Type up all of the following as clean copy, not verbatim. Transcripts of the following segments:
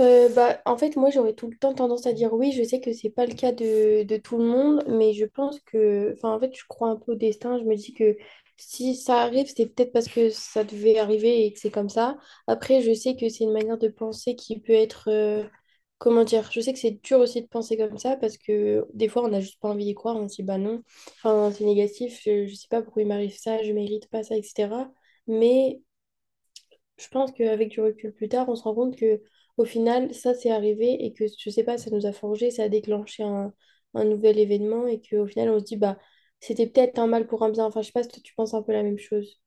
Bah, en fait, moi, j'aurais tout le temps tendance à dire oui. Je sais que c'est pas le cas de tout le monde, mais je pense que, enfin, en fait, je crois un peu au destin. Je me dis que si ça arrive, c'est peut-être parce que ça devait arriver et que c'est comme ça. Après, je sais que c'est une manière de penser qui peut être, comment dire, je sais que c'est dur aussi de penser comme ça parce que des fois, on n'a juste pas envie d'y croire. On se dit, bah non, enfin, c'est négatif. Je sais pas pourquoi il m'arrive ça, je mérite pas ça, etc. Mais je pense qu'avec du recul plus tard, on se rend compte que au final, ça c'est arrivé et que je sais pas, ça nous a forgé, ça a déclenché un nouvel événement et qu'au final, on se dit bah c'était peut-être un mal pour un bien. Enfin, je sais pas si toi, tu penses un peu la même chose.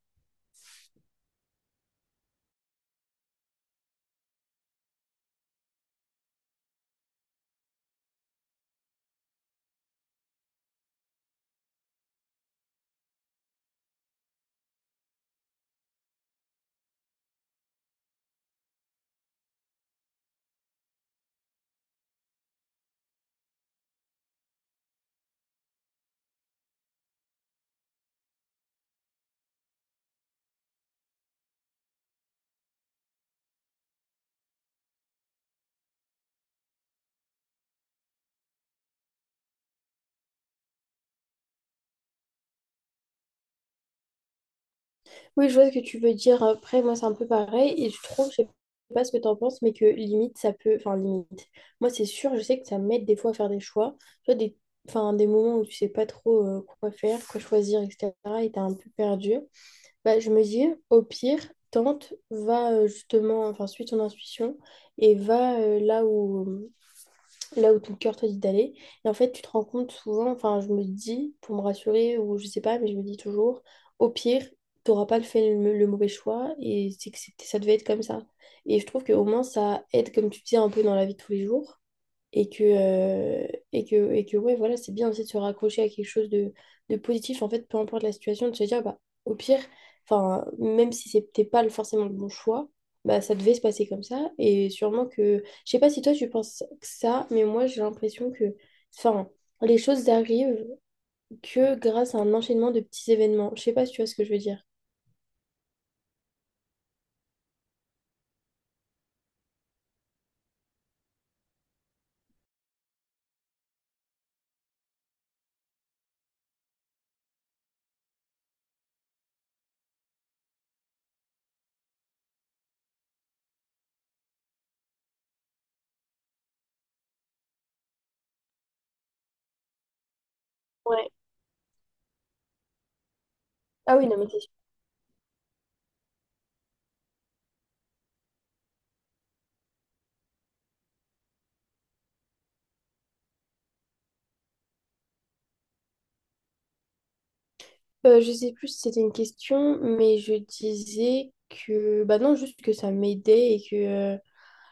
Oui, je vois ce que tu veux dire. Après, moi, c'est un peu pareil et je trouve, je sais pas ce que tu en penses, mais que limite, ça peut, enfin limite. Moi, c'est sûr, je sais que ça m'aide des fois à faire des choix, tu vois, des, enfin, des moments où tu sais pas trop quoi faire, quoi choisir, etc. Et t'es un peu perdu. Bah, je me dis, au pire, tente, va justement, enfin, suis ton intuition et va là où ton cœur te dit d'aller. Et en fait, tu te rends compte souvent, enfin, je me dis, pour me rassurer, ou je sais pas, mais je me dis toujours, au pire, t'auras pas fait le mauvais choix et c'est que ça devait être comme ça. Et je trouve que au moins, ça aide, comme tu dis, un peu dans la vie de tous les jours et que, euh, et que ouais, voilà, c'est bien aussi de se raccrocher à quelque chose de positif, en fait, peu importe la situation, de se dire, bah, au pire, enfin, même si c'était pas forcément le bon choix, bah, ça devait se passer comme ça, et sûrement que, je sais pas si toi tu penses que ça, mais moi j'ai l'impression que, enfin, les choses arrivent que grâce à un enchaînement de petits événements, je sais pas si tu vois ce que je veux dire. Ouais. Ah oui, non, mais c'est sûr. Je sais plus si c'était une question, mais je disais que, bah non, juste que ça m'aidait et que,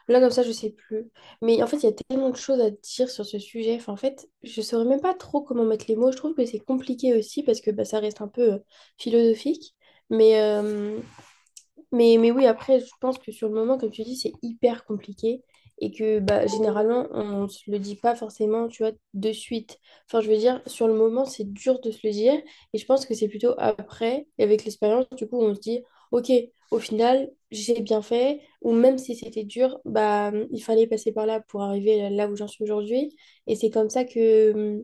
là, comme ça, je sais plus. Mais en fait, il y a tellement de choses à dire sur ce sujet. Enfin, en fait, je saurais même pas trop comment mettre les mots. Je trouve que c'est compliqué aussi parce que bah, ça reste un peu philosophique. Mais, euh, mais oui, après, je pense que sur le moment, comme tu dis, c'est hyper compliqué et que bah, généralement, on ne se le dit pas forcément, tu vois, de suite. Enfin, je veux dire, sur le moment, c'est dur de se le dire et je pense que c'est plutôt après, et avec l'expérience, du coup, on se dit, OK, au final, j'ai bien fait ou même si c'était dur, bah, il fallait passer par là pour arriver là où j'en suis aujourd'hui et c'est comme ça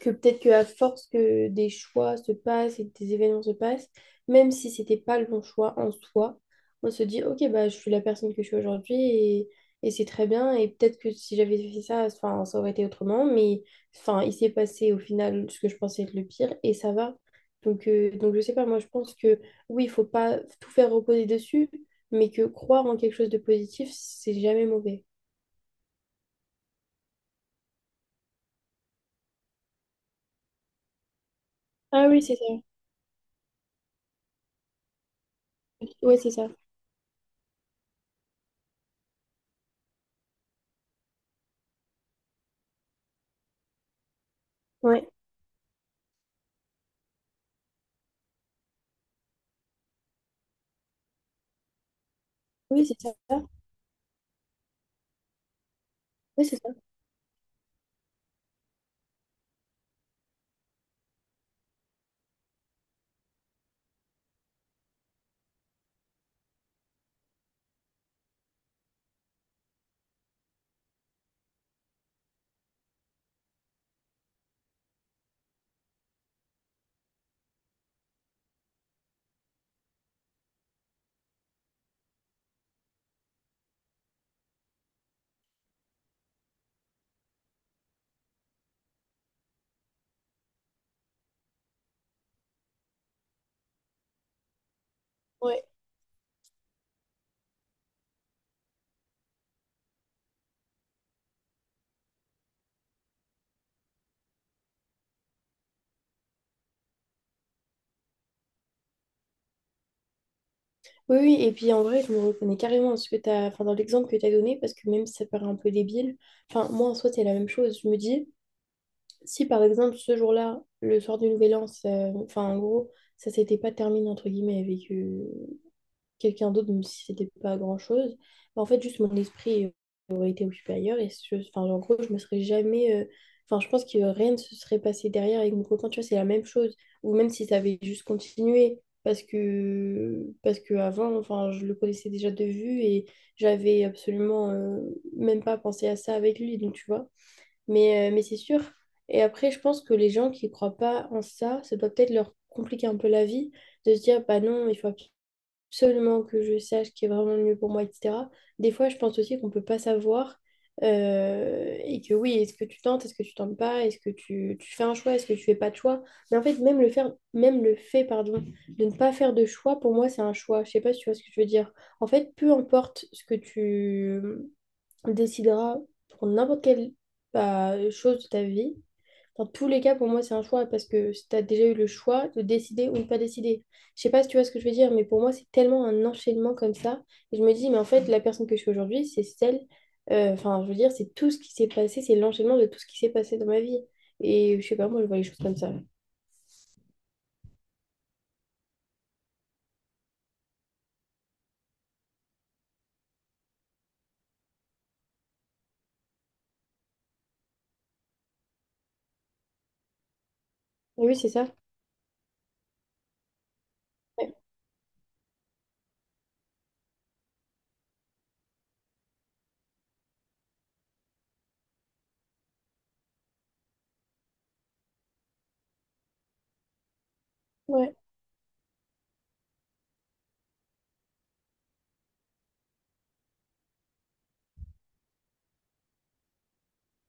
que peut-être que à force que des choix se passent et que des événements se passent, même si c'était pas le bon choix en soi, on se dit ok bah je suis la personne que je suis aujourd'hui et c'est très bien et peut-être que si j'avais fait ça, enfin ça aurait été autrement, mais enfin il s'est passé au final ce que je pensais être le pire et ça va. Donc je sais pas, moi je pense que oui il faut pas tout faire reposer dessus, mais que croire en quelque chose de positif c'est jamais mauvais. Ah oui c'est ça, ouais oui c'est ça, oui c'est ça, ouais. Oui, oui, et puis en vrai, je me reconnais carrément dans ce que t'as, enfin, dans l'exemple que tu as donné, parce que même si ça paraît un peu débile, enfin, moi en soi, c'est la même chose. Je me dis, si par exemple ce jour-là, le soir du Nouvel An, enfin, en gros, ça s'était pas terminé entre guillemets avec, quelqu'un d'autre, même si c'était pas grand-chose. Mais en fait, juste mon esprit aurait été occupé ailleurs. Et enfin, en gros, je me serais jamais. Enfin, je pense que rien ne se serait passé derrière avec mon copain. Tu vois, c'est la même chose. Ou même si ça avait juste continué. Parce que avant, enfin, je le connaissais déjà de vue et j'avais absolument même pas pensé à ça avec lui. Donc, tu vois. Mais c'est sûr. Et après, je pense que les gens qui croient pas en ça, ça doit peut-être leur compliquer un peu la vie de se dire, bah non, il faut absolument que je sache ce qui est vraiment le mieux pour moi, etc. Des fois, je pense aussi qu'on ne peut pas savoir et que oui, est-ce que tu tentes, est-ce que tu tentes pas, est-ce que tu fais un choix, est-ce que tu fais pas de choix. Mais en fait, même le faire, même le fait, pardon, de ne pas faire de choix, pour moi, c'est un choix. Je sais pas si tu vois ce que je veux dire. En fait, peu importe ce que tu décideras pour n'importe quelle bah, chose de ta vie, dans tous les cas, pour moi, c'est un choix parce que tu as déjà eu le choix de décider ou ne pas décider. Je sais pas si tu vois ce que je veux dire, mais pour moi, c'est tellement un enchaînement comme ça. Et je me dis, mais en fait, la personne que je suis aujourd'hui, c'est celle, enfin, je veux dire, c'est tout ce qui s'est passé, c'est l'enchaînement de tout ce qui s'est passé dans ma vie. Et je sais pas, moi, je vois les choses comme ça. Oui, c'est ça. Ouais. Ouais.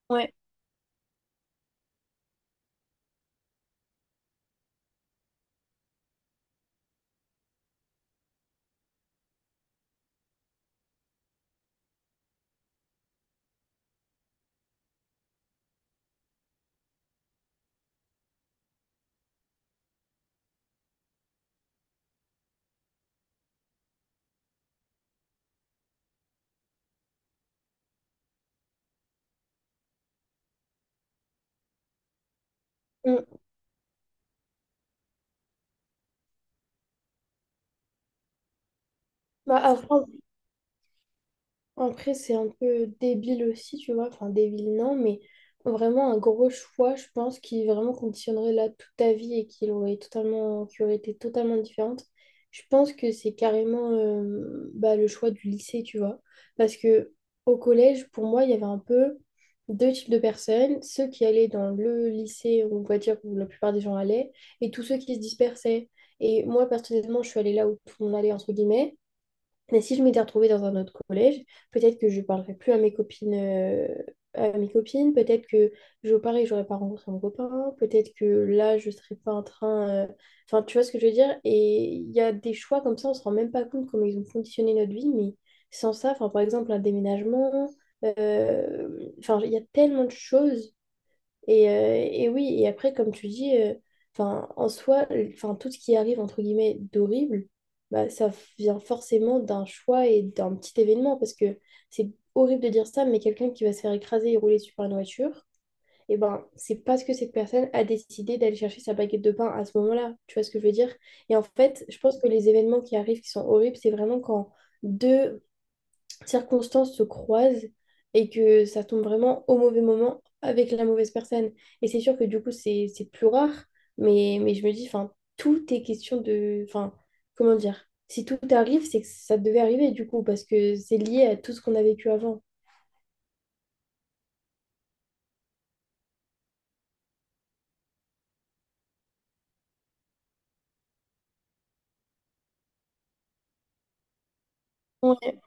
Ouais. Mm. Bah, après, c'est un peu débile aussi, tu vois. Enfin, débile, non, mais vraiment un gros choix, je pense, qui vraiment conditionnerait là toute ta vie et qui aurait totalement, qui aurait été totalement différente. Je pense que c'est carrément bah, le choix du lycée, tu vois. Parce que au collège, pour moi, il y avait un peu deux types de personnes, ceux qui allaient dans le lycée, on va dire, où la plupart des gens allaient, et tous ceux qui se dispersaient. Et moi, personnellement, je suis allée là où tout le monde allait, entre guillemets. Mais si je m'étais retrouvée dans un autre collège, peut-être que je ne parlerais plus à mes copines. Peut-être que je, pareil, j'aurais pas rencontré mon copain. Peut-être que là, je ne serais pas en train. Enfin, tu vois ce que je veux dire? Et il y a des choix comme ça, on ne se rend même pas compte comment ils ont conditionné notre vie. Mais sans ça, enfin, par exemple, un déménagement. euh, Enfin, il y a tellement de choses et oui, et après, comme tu dis, 'fin, en soi, enfin, tout ce qui arrive, entre guillemets, d'horrible, bah, ça vient forcément d'un choix et d'un petit événement, parce que c'est horrible de dire ça, mais quelqu'un qui va se faire écraser et rouler dessus par une voiture, et ben, c'est parce que cette personne a décidé d'aller chercher sa baguette de pain à ce moment-là. Tu vois ce que je veux dire? Et en fait, je pense que les événements qui arrivent, qui sont horribles, c'est vraiment quand deux circonstances se croisent et que ça tombe vraiment au mauvais moment avec la mauvaise personne. Et c'est sûr que du coup, c'est plus rare, mais je me dis, enfin, tout est question de... Enfin, comment dire? Si tout arrive, c'est que ça devait arriver du coup, parce que c'est lié à tout ce qu'on a vécu avant. Ouais.